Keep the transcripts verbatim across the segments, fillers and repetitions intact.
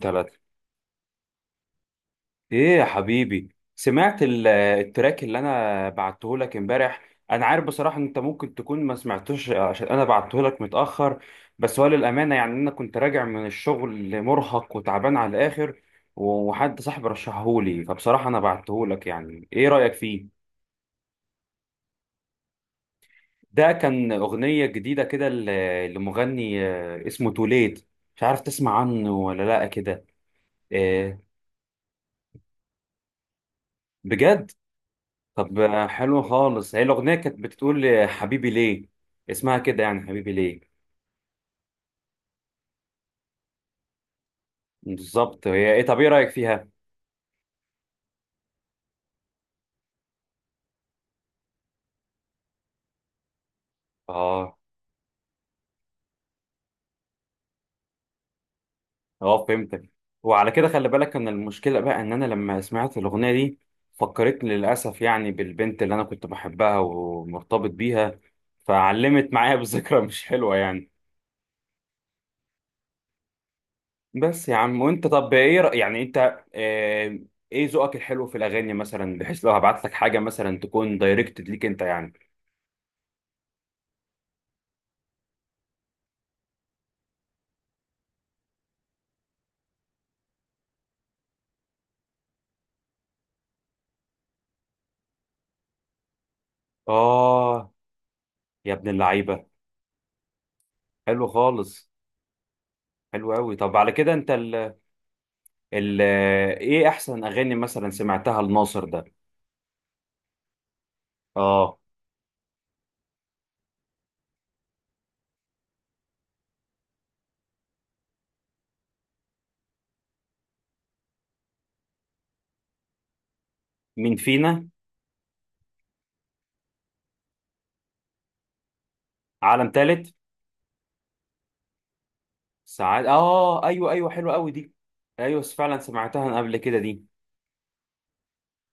تلاتة. ايه يا حبيبي؟ سمعت ال- التراك اللي انا بعته لك امبارح. انا عارف بصراحة ان انت ممكن تكون ما سمعتوش عشان انا بعته لك متأخر. بس هو للأمانة يعني انا كنت راجع من الشغل مرهق وتعبان على الاخر، و- وحد صاحبي رشحهولي، فبصراحة انا بعته لك. يعني ايه رأيك فيه؟ ده كان أغنية جديدة كده ل- لمغني، آه، اسمه توليت. مش عارف تسمع عنه ولا لا كده. آه، بجد. طب آه، حلو خالص. هي الأغنية كانت بتقول آه، حبيبي ليه. اسمها كده يعني حبيبي ليه. بالظبط. هي ايه؟ طب ايه رأيك فيها؟ اه. اه فهمتك. وعلى كده خلي بالك ان المشكلة بقى ان انا لما سمعت الأغنية دي فكرتني للأسف يعني بالبنت اللي انا كنت بحبها ومرتبط بيها، فعلمت معايا بذكرى مش حلوة يعني. بس يا عم وانت، طب ايه رأي يعني انت، آه، ايه ذوقك الحلو في الأغاني مثلا، بحيث لو هبعت لك حاجة مثلا تكون دايركتد ليك انت يعني. اه يا ابن اللعيبة. حلو خالص. حلو قوي. طب على كده انت ال ال ايه احسن اغاني مثلا سمعتها لناصر ده؟ اه. مين فينا؟ عالم تالت. ساعات. اه ايوه ايوه حلو قوي دي. ايوه فعلا سمعتها أنا قبل كده دي.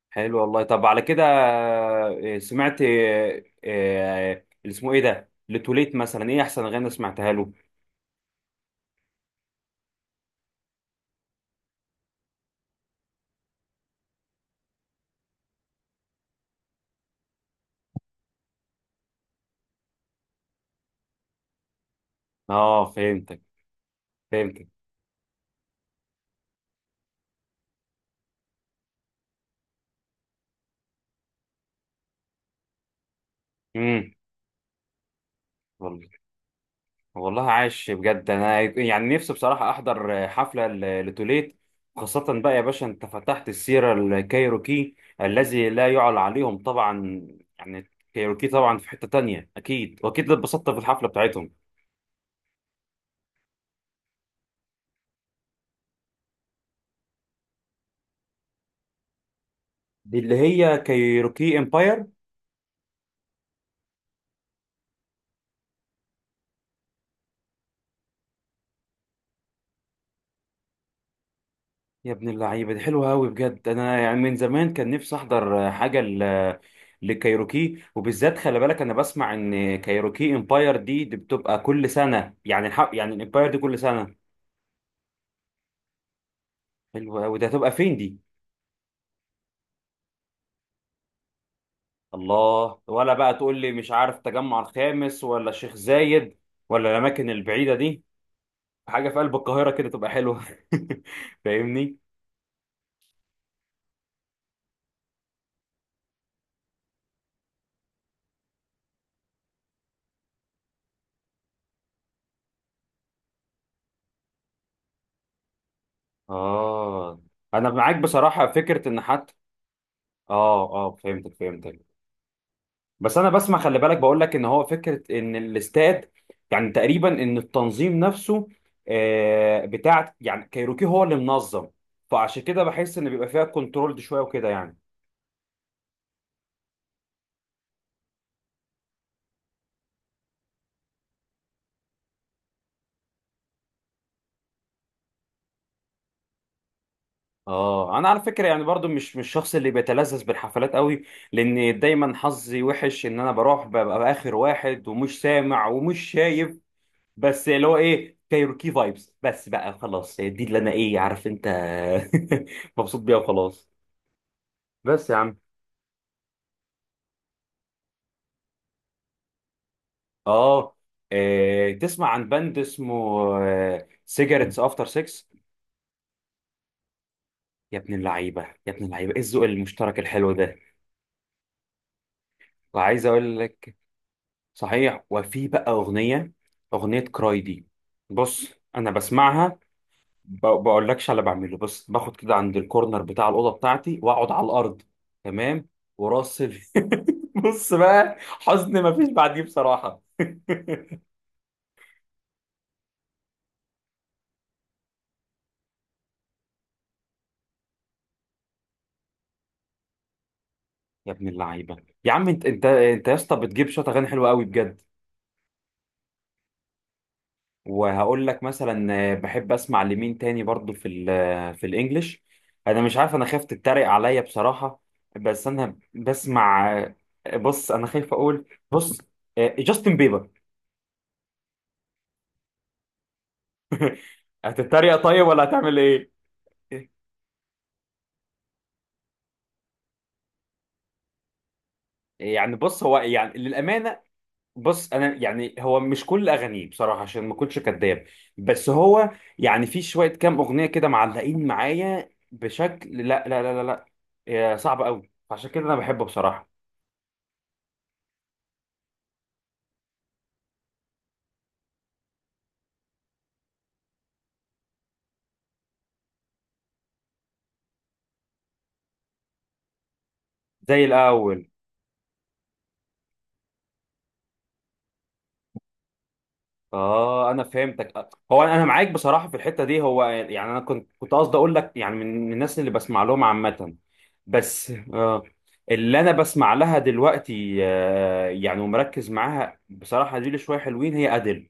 حلو والله. طب على كده آه، سمعت آه، آه، اللي اسمه ايه ده لتوليت، مثلا ايه احسن اغاني سمعتها له؟ اه فهمتك. فهمتك. امم والله عاش بجد. انا يعني نفسي بصراحه احضر حفله ل- لتوليت، خاصه بقى يا باشا انت فتحت السيره. الكايروكي الذي لا يعلى عليهم طبعا. يعني كايروكي طبعا في حته تانية، اكيد واكيد اتبسطت في الحفله بتاعتهم. دي اللي هي كايروكي امباير. يا ابن اللعيبه، دي حلوه قوي بجد. انا يعني من زمان كان نفسي احضر حاجه ل- لكايروكي. وبالذات خلي بالك انا بسمع ان كايروكي امباير دي, دي بتبقى كل سنه يعني الح... يعني الامباير دي كل سنه. حلو قوي. ده هتبقى فين دي؟ الله. ولا بقى تقول لي مش عارف تجمع الخامس ولا الشيخ زايد ولا الاماكن البعيده دي. حاجه في قلب القاهره كده تبقى حلوه. فاهمني. اه انا معاك بصراحه. فكره ان حتى. اه اه فهمتك فهمتك. بس انا بسمع، خلي بالك بقول لك ان هو فكره ان الاستاد، يعني تقريبا ان التنظيم نفسه آه بتاع يعني كايروكي هو اللي منظم، فعشان كده بحس ان بيبقى فيها كنترول شويه وكده يعني. اه انا على فكره يعني برضو مش مش الشخص اللي بيتلذذ بالحفلات قوي، لان دايما حظي وحش ان انا بروح ببقى اخر واحد ومش سامع ومش شايف. بس اللي هو ايه، كايروكي فايبس بس بقى خلاص، دي اللي انا ايه عارف انت. مبسوط بيها وخلاص. بس يا عم. اه. آه، تسمع عن باند اسمه سيجارتس افتر سيكس؟ يا ابن اللعيبه يا ابن اللعيبه، ايه الذوق المشترك الحلو ده. وعايز اقول لك، صحيح، وفي بقى أغنية، أغنية كراي دي. بص. أنا بسمعها. ب- بقولكش على بعمله بس، باخد كده عند الكورنر بتاع الأوضة بتاعتي وأقعد على الأرض. تمام. وراسل. بص بقى، حزن مفيش بعديه بصراحة. يا ابن اللعيبة. يا عم أنت أنت أنت يا اسطى، بتجيب شوية أغاني حلوة قوي بجد. وهقول لك مثلا، آه، بحب اسمع لمين تاني برضو في ال آه، في الانجليش. انا مش عارف، انا خايف تتريق عليا بصراحة. بس انا بسمع آه، بص. انا خايف اقول. بص، آه، جاستن بيبر. هتتريق طيب ولا هتعمل ايه؟ يعني بص هو يعني للأمانة. بص انا يعني هو مش كل اغانيه بصراحه عشان ما اكونش كداب. بس هو يعني في شويه كام اغنيه كده معلقين معايا بشكل لا لا لا لا لا. آه، صعب قوي عشان كده انا بحبه بصراحه. زي الاول. اه انا فهمتك. آه، هو انا، أنا معاك بصراحه في الحته دي، هو يعني انا كنت كنت قصدي اقول لك يعني من من الناس اللي بسمع لهم عامه. بس آه اللي انا بسمع لها دلوقتي آه يعني ومركز معاها بصراحه دي لي شويه حلوين، هي ادل.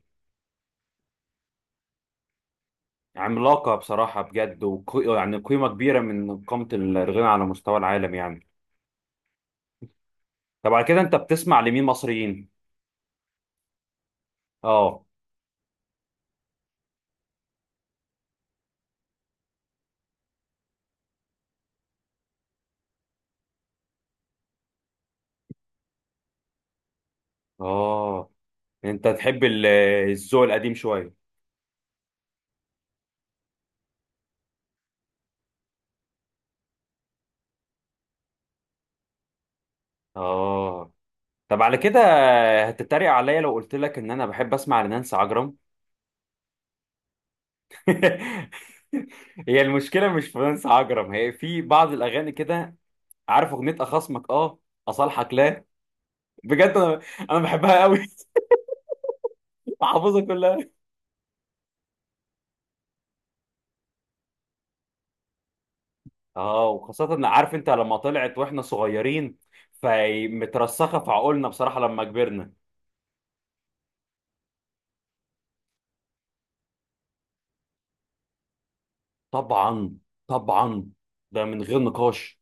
عملاقه بصراحه بجد، وقي يعني قيمه كبيره من قامه الغنى على مستوى العالم يعني. طب على كده انت بتسمع لمين مصريين؟ اه. اه انت تحب ال- الذوق القديم شويه. اه. طب على كده، هتتريق عليا لو قلت لك ان انا بحب اسمع لنانسي عجرم؟ هي المشكله مش في نانسي عجرم، هي في بعض الاغاني كده. عارف اغنيه اخصمك؟ اه. اصالحك لا؟ بجد انا، انا بحبها قوي حافظها كلها. اه، وخاصه إن عارف انت لما طلعت واحنا صغيرين فمترسخه في عقولنا بصراحه لما كبرنا. طبعا طبعا. ده من غير نقاش.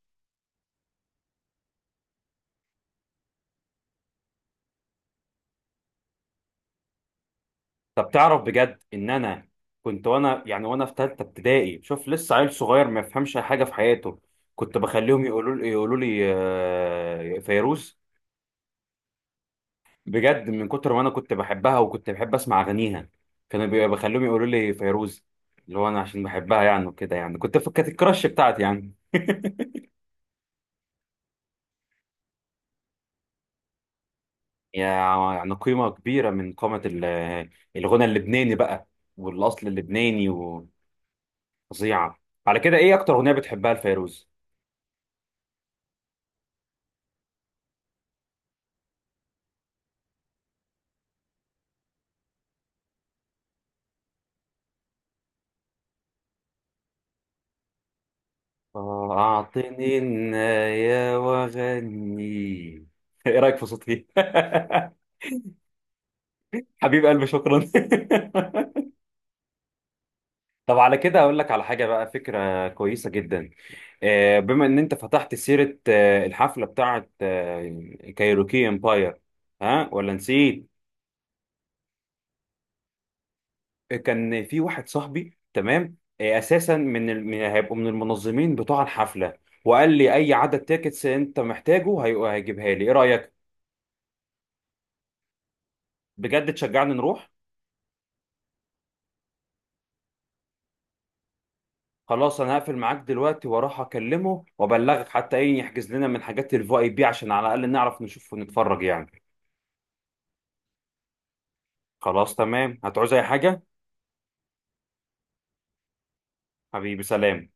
طب تعرف بجد ان انا كنت وانا يعني وانا في ثالثه ابتدائي، شوف لسه عيل صغير ما يفهمش أي حاجه في حياته، كنت بخليهم يقولوا لي يقولوا لي آه، فيروز. بجد من كتر ما انا كنت بحبها وكنت بحب اسمع اغانيها كانوا بي- بخليهم يقولوا لي فيروز، اللي هو انا عشان بحبها يعني وكده يعني. كنت ف- كانت الكراش بتاعتي يعني. يع- يعني قيمه كبيره من قامه ال- الغنى اللبناني بقى والاصل اللبناني. وفظيعه. على كده ايه اكتر اغنيه بتحبها لفيروز؟ أعطني النايا وغني إيه رأيك في صوتي؟ حبيب قلبي شكرا طب على كده أقول لك على حاجة بقى، فكرة كويسة جدا. آه، بما إن أنت فتحت سيرة آه، الحفلة بتاعة آه، كايروكي امباير. ها ولا نسيت؟ كان في واحد صاحبي تمام آه، أساسا من ال- من- هيبقوا من المنظمين بتوع الحفلة، وقال لي أي عدد تيكتس أنت محتاجه هي- هيجيبها لي. إيه رأيك؟ بجد تشجعني نروح؟ خلاص انا هقفل معاك دلوقتي واروح اكلمه وابلغك، حتى ايه، يحجز لنا من حاجات الفي اي بي عشان على الاقل نعرف نشوف ونتفرج يعني. خلاص تمام. هتعوز اي حاجة؟ حبيبي سلام.